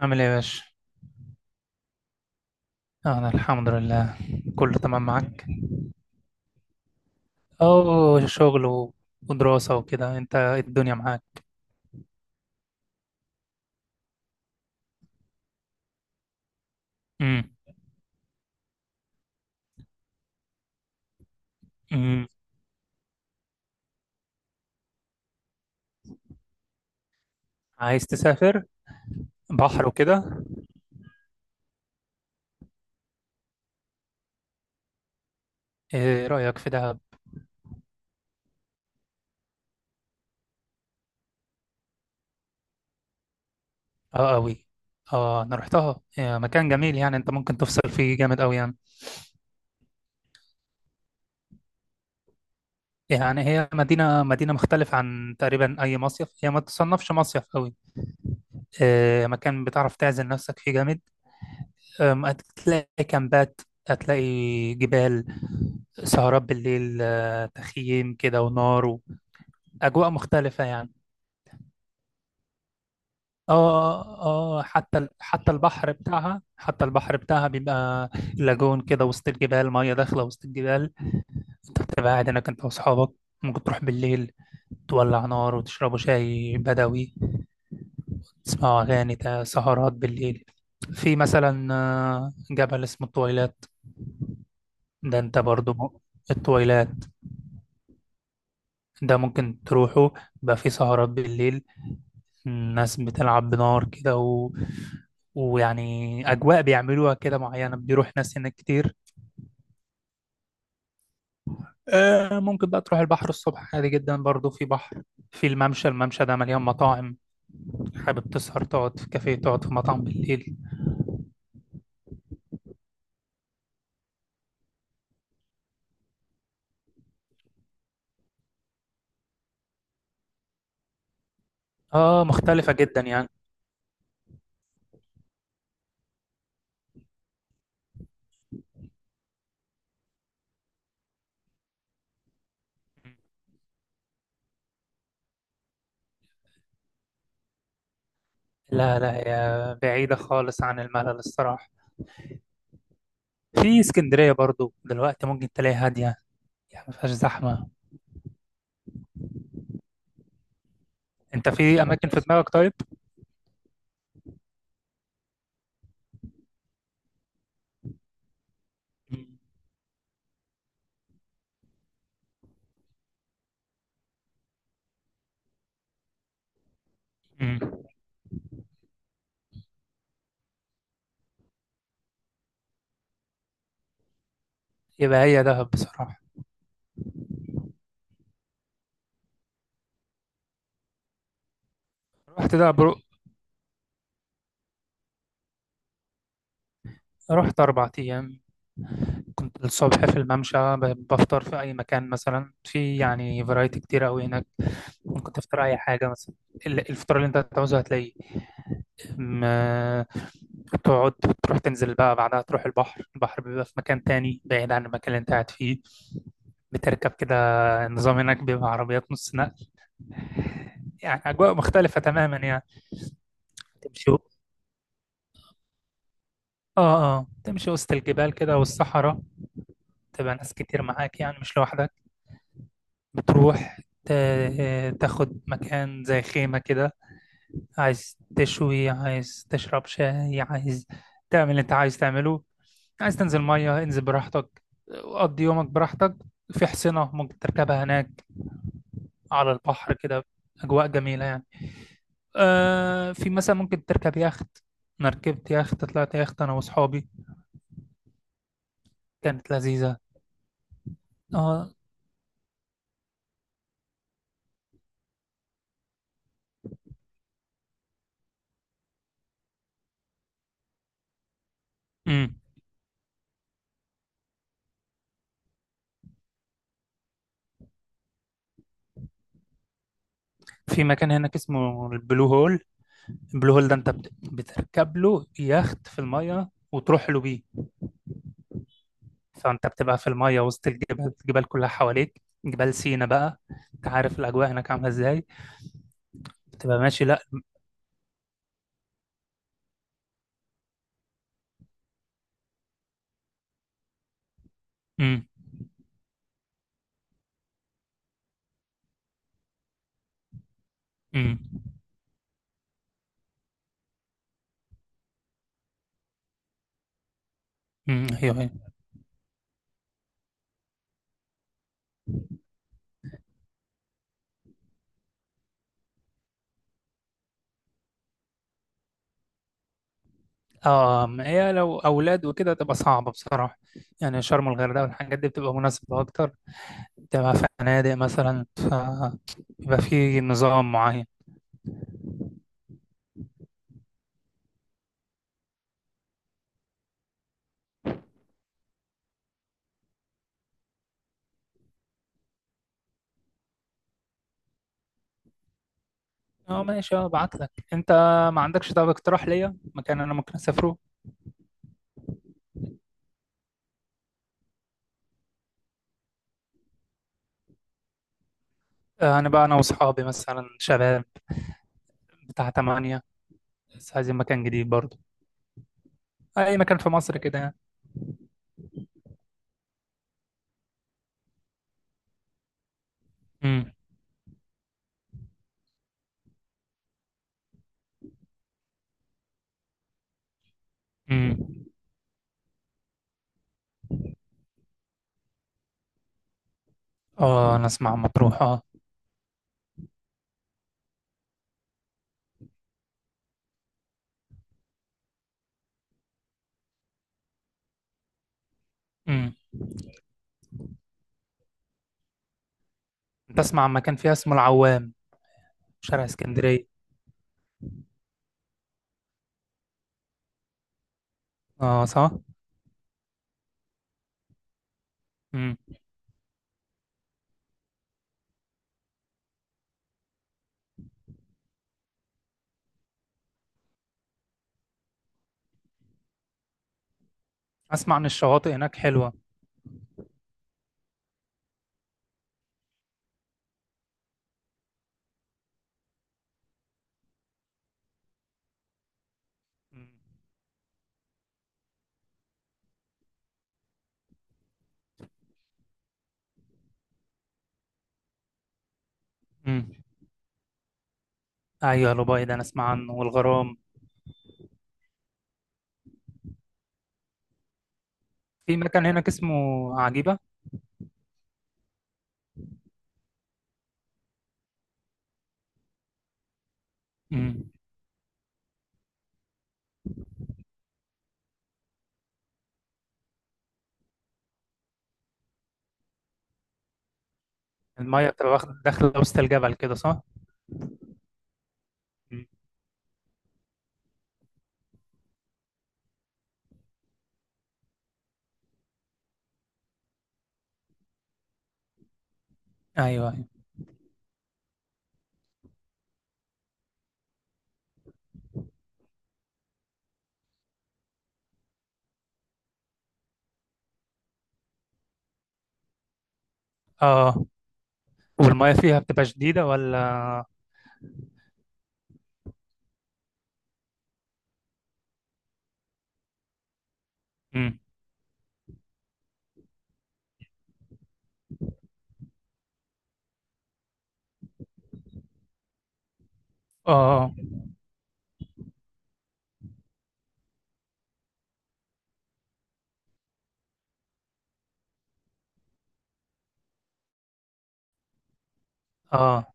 عامل ايه يا باشا؟ أنا الحمد لله. كله تمام معاك؟ أو شغل و- ودراسة وكده، أنت إيه الدنيا معاك؟ امم. امم. عايز تسافر بحر وكده؟ إيه رأيك في دهب؟ أه، أوي. أه، أنا رحتها، إيه مكان جميل يعني، أنت ممكن تفصل فيه جامد أوي يعني. يعني هي مدينة مدينة مختلفة عن تقريبا أي مصيف، هي ما تصنفش مصيف أوي. إيه مكان بتعرف تعزل نفسك فيه جامد. هتلاقي كامبات، هتلاقي جبال، سهرات بالليل، تخييم كده ونار، وأجواء مختلفة يعني. اه اه، حتى البحر بتاعها بيبقى لاجون كده وسط الجبال، مية داخلة وسط الجبال. تبقى قاعد هناك انت واصحابك، ممكن تروح بالليل تولع نار وتشربوا شاي بدوي، تسمعوا أغاني، سهرات بالليل. في مثلا جبل اسمه الطويلات. ده انت برضو الطويلات ده ممكن تروحوا، بقى في سهرات بالليل، الناس بتلعب بنار كده ويعني أجواء بيعملوها كده معينة، بيروح ناس هناك كتير. آه، ممكن بقى تروح البحر الصبح عادي جدا، برضو في بحر، في الممشى، الممشى ده مليان مطاعم، حابب تسهر تقعد في كافيه، تقعد في مطعم بالليل. اه، مختلفة جدا يعني. لا لا، هي بعيدة خالص عن الملل الصراحة. في اسكندرية برضو دلوقتي ممكن تلاقي هادية، يعني ما فيهاش زحمة. انت في أماكن في دماغك طيب؟ مم. يبقى هي دهب بصراحة. رحت دهب رحت أربع أيام. كنت الصبح في الممشى، بفطر في أي مكان مثلا، في يعني فرايتي كتير أوي هناك، ممكن تفطر أي حاجة مثلا. الفطار اللي أنت هتعوزه هتلاقيه. ما- تقعد، تروح تنزل بقى بعدها، تروح البحر. البحر بيبقى في مكان تاني بعيد عن المكان اللي أنت قاعد فيه. بتركب كده، النظام هناك بيبقى عربيات نص نقل، يعني أجواء مختلفة تماما يعني. تمشي، اه اه، تمشي وسط الجبال كده والصحراء. تبقى ناس كتير معاك يعني، مش لوحدك. بتروح تاخد مكان زي خيمة كده، عايز تشوي، عايز تشرب شاي، عايز تعمل اللي انت عايز تعمله، عايز تنزل مية، انزل براحتك، قضي يومك براحتك. في حصينة ممكن تركبها هناك على البحر كده، أجواء جميلة يعني. آه، في مثلا ممكن تركب يخت. أنا ركبت يخت، طلعت يخت أنا وأصحابي، كانت لذيذة. اه. امم. في مكان هناك اسمه البلو هول، البلو هول ده انت بتركب له يخت في الميه وتروح له بيه. فانت بتبقى في الميه وسط الجبال، الجبال كلها حواليك، جبال سينا بقى. انت عارف الاجواء هناك عامله ازاي، بتبقى ماشي لا. امم. امم. امم، ايوه ايوه. اه، ما هي لو اولاد وكده تبقى صعبه بصراحه، يعني شرم الغردقه والحاجات دي بتبقى مناسبه اكتر، بتبقى فنادق مثلا، فبيبقى في نظام معين. اه ماشي، اه ابعت لك انت. ما عندكش طب اقتراح ليا مكان انا ممكن اسافره؟ انا بقى انا واصحابي مثلا شباب، بتاع تمانية، بس عايزين مكان جديد برضه، اي مكان في مصر كده يعني. امم. امم. اه، انا اسمع عن مطروح اه. امم. بسمع عن مكان فيها اسمه العوام، شارع اسكندرية. اه صح. امم. اسمع عن الشواطئ هناك حلوة. امم. أمم. ايوه، الأبيض انا اسمع عنه والغرام. في مكان هناك اسمه عجيبة. امم. المية بتبقى داخلة وسط الجبل كده صح؟ امم. ايوه. أيوة. اه، والمية فيها بتبقى شديدة ولا؟ مم. اه اه. آه.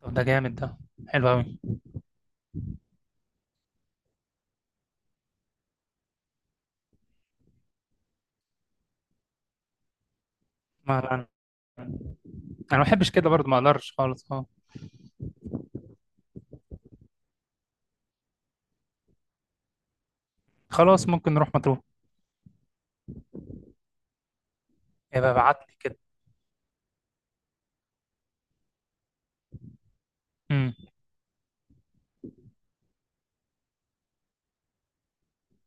طب ده جامد ده، حلو قوي. ما لا، انا، انا ما بحبش كده برضه، ما اقدرش خالص اه. خلاص ممكن نروح مطروح. يبقى ابعت لي كده. امم.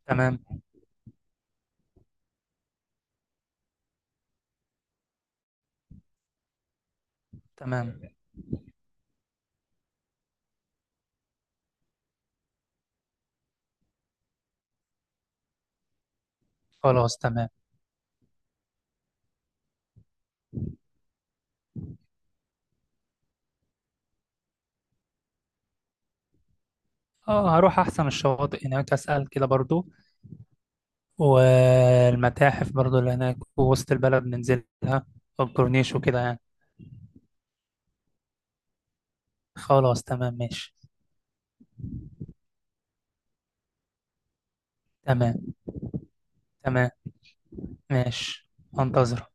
تمام. تمام. خلاص تمام. اه هروح احسن الشواطئ هناك، اسال كده برضه، والمتاحف برضه اللي هناك، ووسط البلد ننزلها، والكورنيش وكده يعني. خلاص تمام ماشي. تمام. تمام ماشي. انتظر.